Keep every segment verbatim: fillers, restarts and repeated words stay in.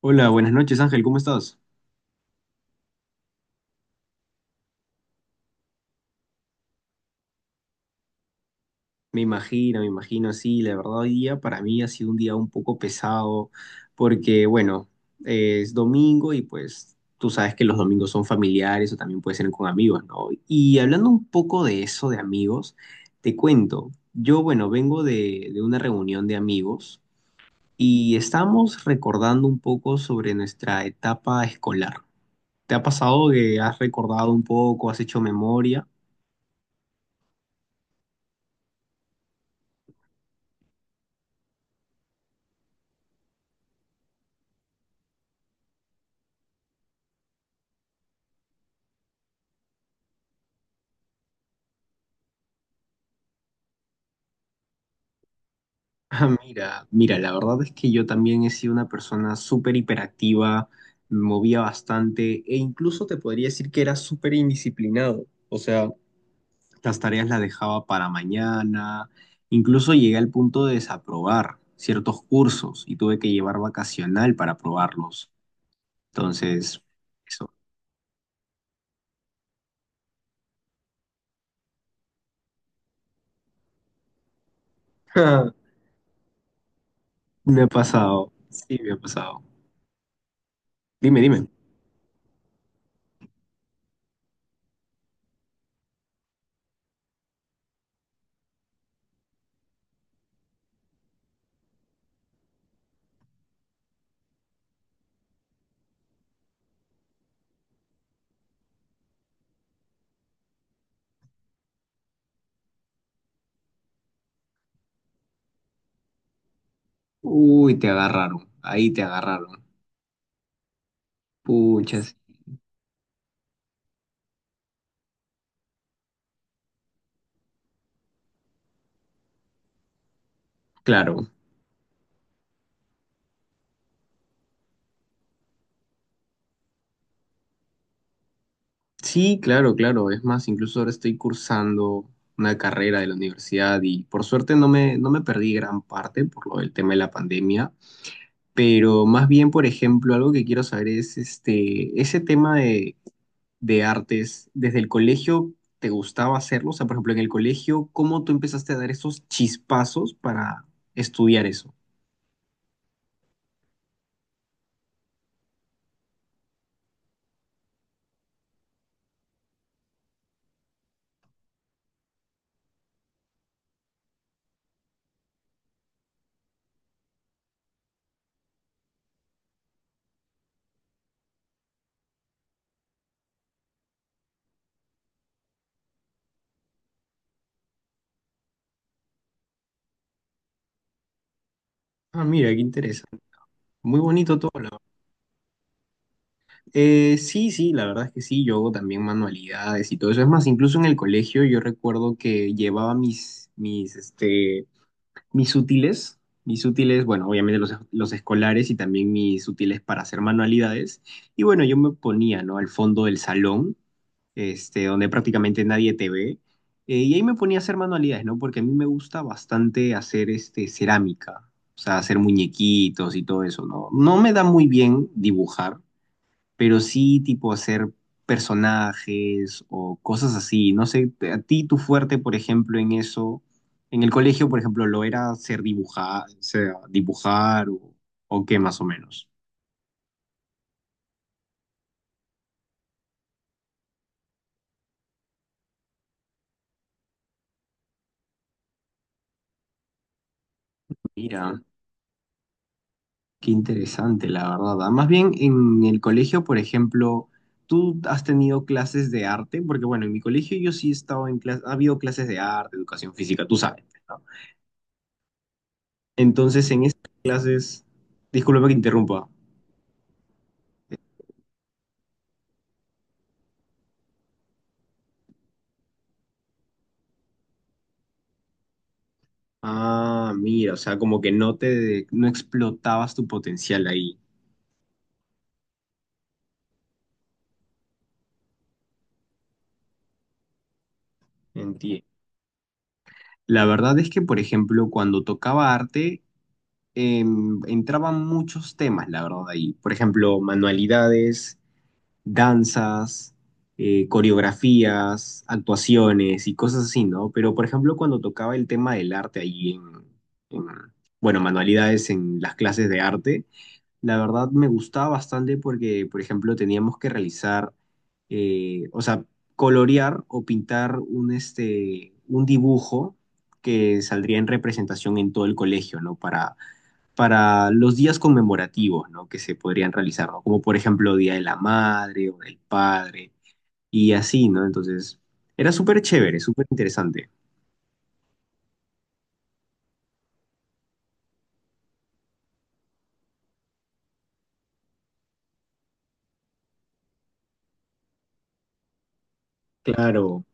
Hola, buenas noches Ángel, ¿cómo estás? Me imagino, me imagino, sí, la verdad hoy día para mí ha sido un día un poco pesado porque, bueno, es domingo y pues tú sabes que los domingos son familiares o también pueden ser con amigos, ¿no? Y hablando un poco de eso, de amigos, te cuento, yo, bueno, vengo de, de una reunión de amigos y estamos recordando un poco sobre nuestra etapa escolar. ¿Te ha pasado que has recordado un poco, has hecho memoria? Ah, mira, mira, la verdad es que yo también he sido una persona súper hiperactiva, me movía bastante e incluso te podría decir que era súper indisciplinado. O sea, las tareas las dejaba para mañana, incluso llegué al punto de desaprobar ciertos cursos y tuve que llevar vacacional para aprobarlos. Entonces, eso. Me ha pasado, sí, me ha pasado. Dime, dime. Uy, te agarraron, ahí te agarraron. Puchas, claro. Sí, claro, claro. Es más, incluso ahora estoy cursando una carrera de la universidad y por suerte no me, no me perdí gran parte por lo del tema de la pandemia, pero más bien, por ejemplo, algo que quiero saber es este, ese tema de, de artes, ¿desde el colegio te gustaba hacerlo? O sea, por ejemplo, en el colegio, ¿cómo tú empezaste a dar esos chispazos para estudiar eso? Ah, mira, qué interesante. Muy bonito todo. Eh, sí, sí, la verdad es que sí, yo hago también manualidades y todo eso. Es más, incluso en el colegio yo recuerdo que llevaba mis, mis, este, mis útiles, mis útiles, bueno, obviamente los, los escolares y también mis útiles para hacer manualidades. Y bueno, yo me ponía, ¿no? Al fondo del salón, este, donde prácticamente nadie te ve. Eh, y ahí me ponía a hacer manualidades, ¿no? Porque a mí me gusta bastante hacer, este, cerámica, o sea, hacer muñequitos y todo eso, ¿no? No me da muy bien dibujar, pero sí tipo hacer personajes o cosas así. No sé, te- a ti tu fuerte, por ejemplo, en eso, en el colegio, por ejemplo, lo era hacer dibujar, o sea, dibujar o, o qué más o menos. Mira, qué interesante, la verdad. Ah, más bien en el colegio, por ejemplo, ¿tú has tenido clases de arte? Porque bueno, en mi colegio yo sí he estado en clases, ha habido clases de arte, educación física, tú sabes, ¿no? Entonces, en esas clases, discúlpame que interrumpa. Ah, mira, o sea, como que no te, no explotabas tu potencial ahí, entiendo. La verdad es que, por ejemplo, cuando tocaba arte, em, entraban muchos temas, la verdad, ahí. Por ejemplo, manualidades, danzas, eh, coreografías, actuaciones y cosas así, ¿no? Pero, por ejemplo, cuando tocaba el tema del arte ahí en, en- bueno, manualidades en las clases de arte, la verdad me gustaba bastante porque, por ejemplo, teníamos que realizar, eh, o sea, colorear o pintar un, este, un dibujo que saldría en representación en todo el colegio, ¿no? Para, para los días conmemorativos, ¿no? Que se podrían realizar, ¿no? Como por ejemplo Día de la Madre o del Padre y así, ¿no? Entonces, era súper chévere, súper interesante. Claro,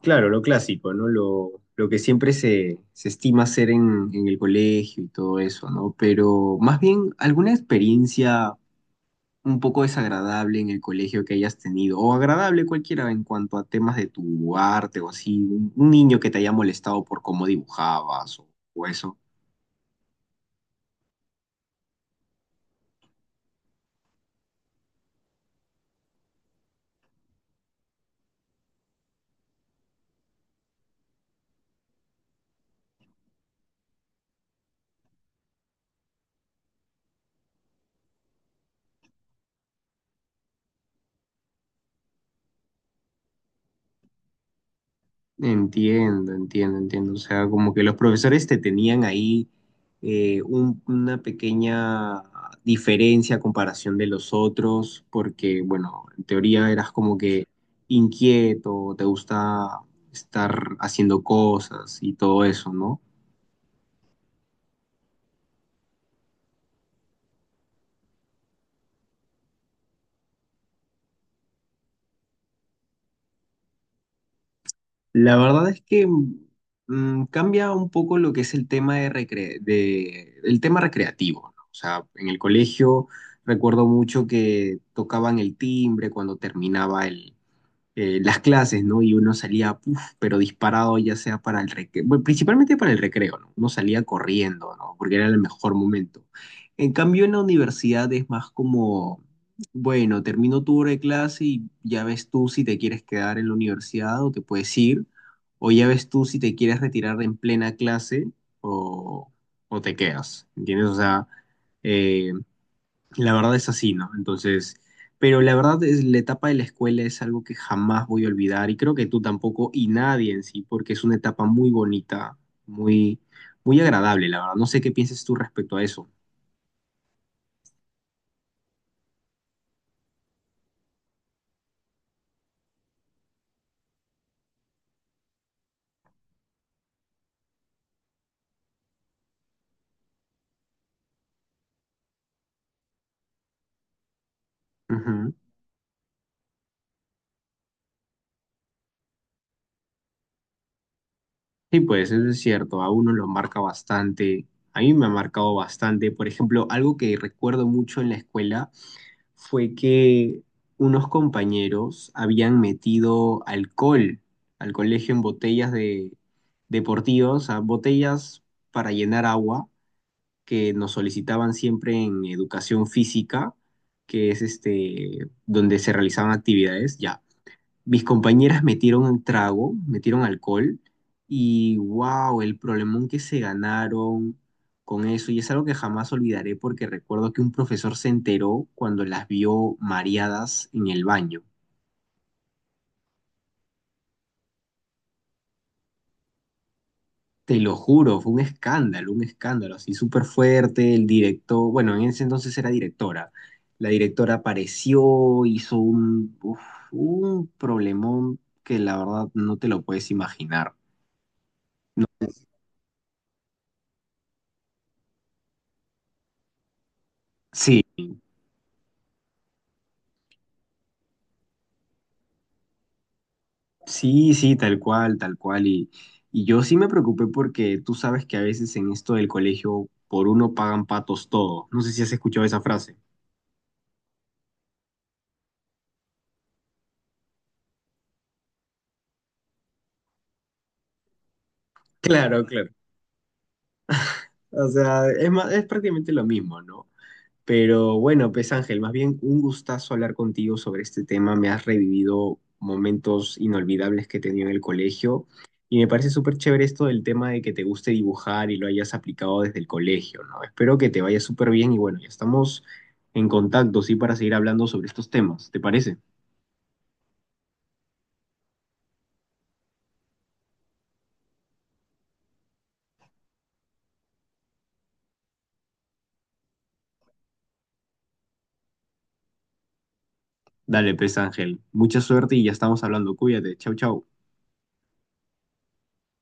claro, lo clásico, ¿no? Lo, lo que siempre se, se estima hacer en, en el colegio y todo eso, ¿no? Pero más bien, ¿alguna experiencia un poco desagradable en el colegio que hayas tenido? O agradable cualquiera en cuanto a temas de tu arte o así, un, un niño que te haya molestado por cómo dibujabas o, o eso. Entiendo, entiendo, entiendo. O sea, como que los profesores te tenían ahí eh, un- una pequeña diferencia a comparación de los otros, porque, bueno, en teoría eras como que inquieto, te gusta estar haciendo cosas y todo eso, ¿no? La verdad es que mm, cambia un poco lo que es el tema de recre- de- el tema recreativo, ¿no? O sea, en el colegio recuerdo mucho que tocaban el timbre cuando terminaba el, eh, las clases, ¿no? Y uno salía, puf, pero disparado ya sea para el recreo, bueno, principalmente para el recreo, ¿no? Uno salía corriendo, ¿no? Porque era el mejor momento. En cambio, en la universidad es más como, bueno, termino tu hora de clase y ya ves tú si te quieres quedar en la universidad o te puedes ir, o ya ves tú si te quieres retirar en plena clase o, o te quedas, ¿entiendes? O sea, eh, la verdad es así, ¿no? Entonces, pero la verdad es la etapa de la escuela es algo que jamás voy a olvidar y creo que tú tampoco y nadie en sí, porque es una etapa muy bonita, muy, muy agradable, la verdad. No sé qué piensas tú respecto a eso. Ujú. Sí, pues eso es cierto, a uno lo marca bastante, a mí me ha marcado bastante. Por ejemplo, algo que recuerdo mucho en la escuela fue que unos compañeros habían metido alcohol al colegio en botellas de deportivas, o sea, botellas para llenar agua que nos solicitaban siempre en educación física, que es este donde se realizaban actividades. Ya, mis compañeras metieron un trago, metieron alcohol y wow, el problemón que se ganaron con eso. Y es algo que jamás olvidaré porque recuerdo que un profesor se enteró cuando las vio mareadas en el baño. Te lo juro, fue un escándalo, un escándalo así súper fuerte. El director, bueno, en ese entonces era directora. La directora apareció, hizo un, uf, un problemón que la verdad no te lo puedes imaginar. Sí. Sí, sí, tal cual, tal cual. Y, y yo sí me preocupé porque tú sabes que a veces en esto del colegio por uno pagan patos todos. No sé si has escuchado esa frase. Claro, claro. O sea, es más, es prácticamente lo mismo, ¿no? Pero bueno, pues Ángel, más bien un gustazo hablar contigo sobre este tema. Me has revivido momentos inolvidables que he tenido en el colegio y me parece súper chévere esto del tema de que te guste dibujar y lo hayas aplicado desde el colegio, ¿no? Espero que te vaya súper bien y bueno, ya estamos en contacto, sí, para seguir hablando sobre estos temas, ¿te parece? Dale, pues Ángel, mucha suerte y ya estamos hablando. Cuídate, chau, chau.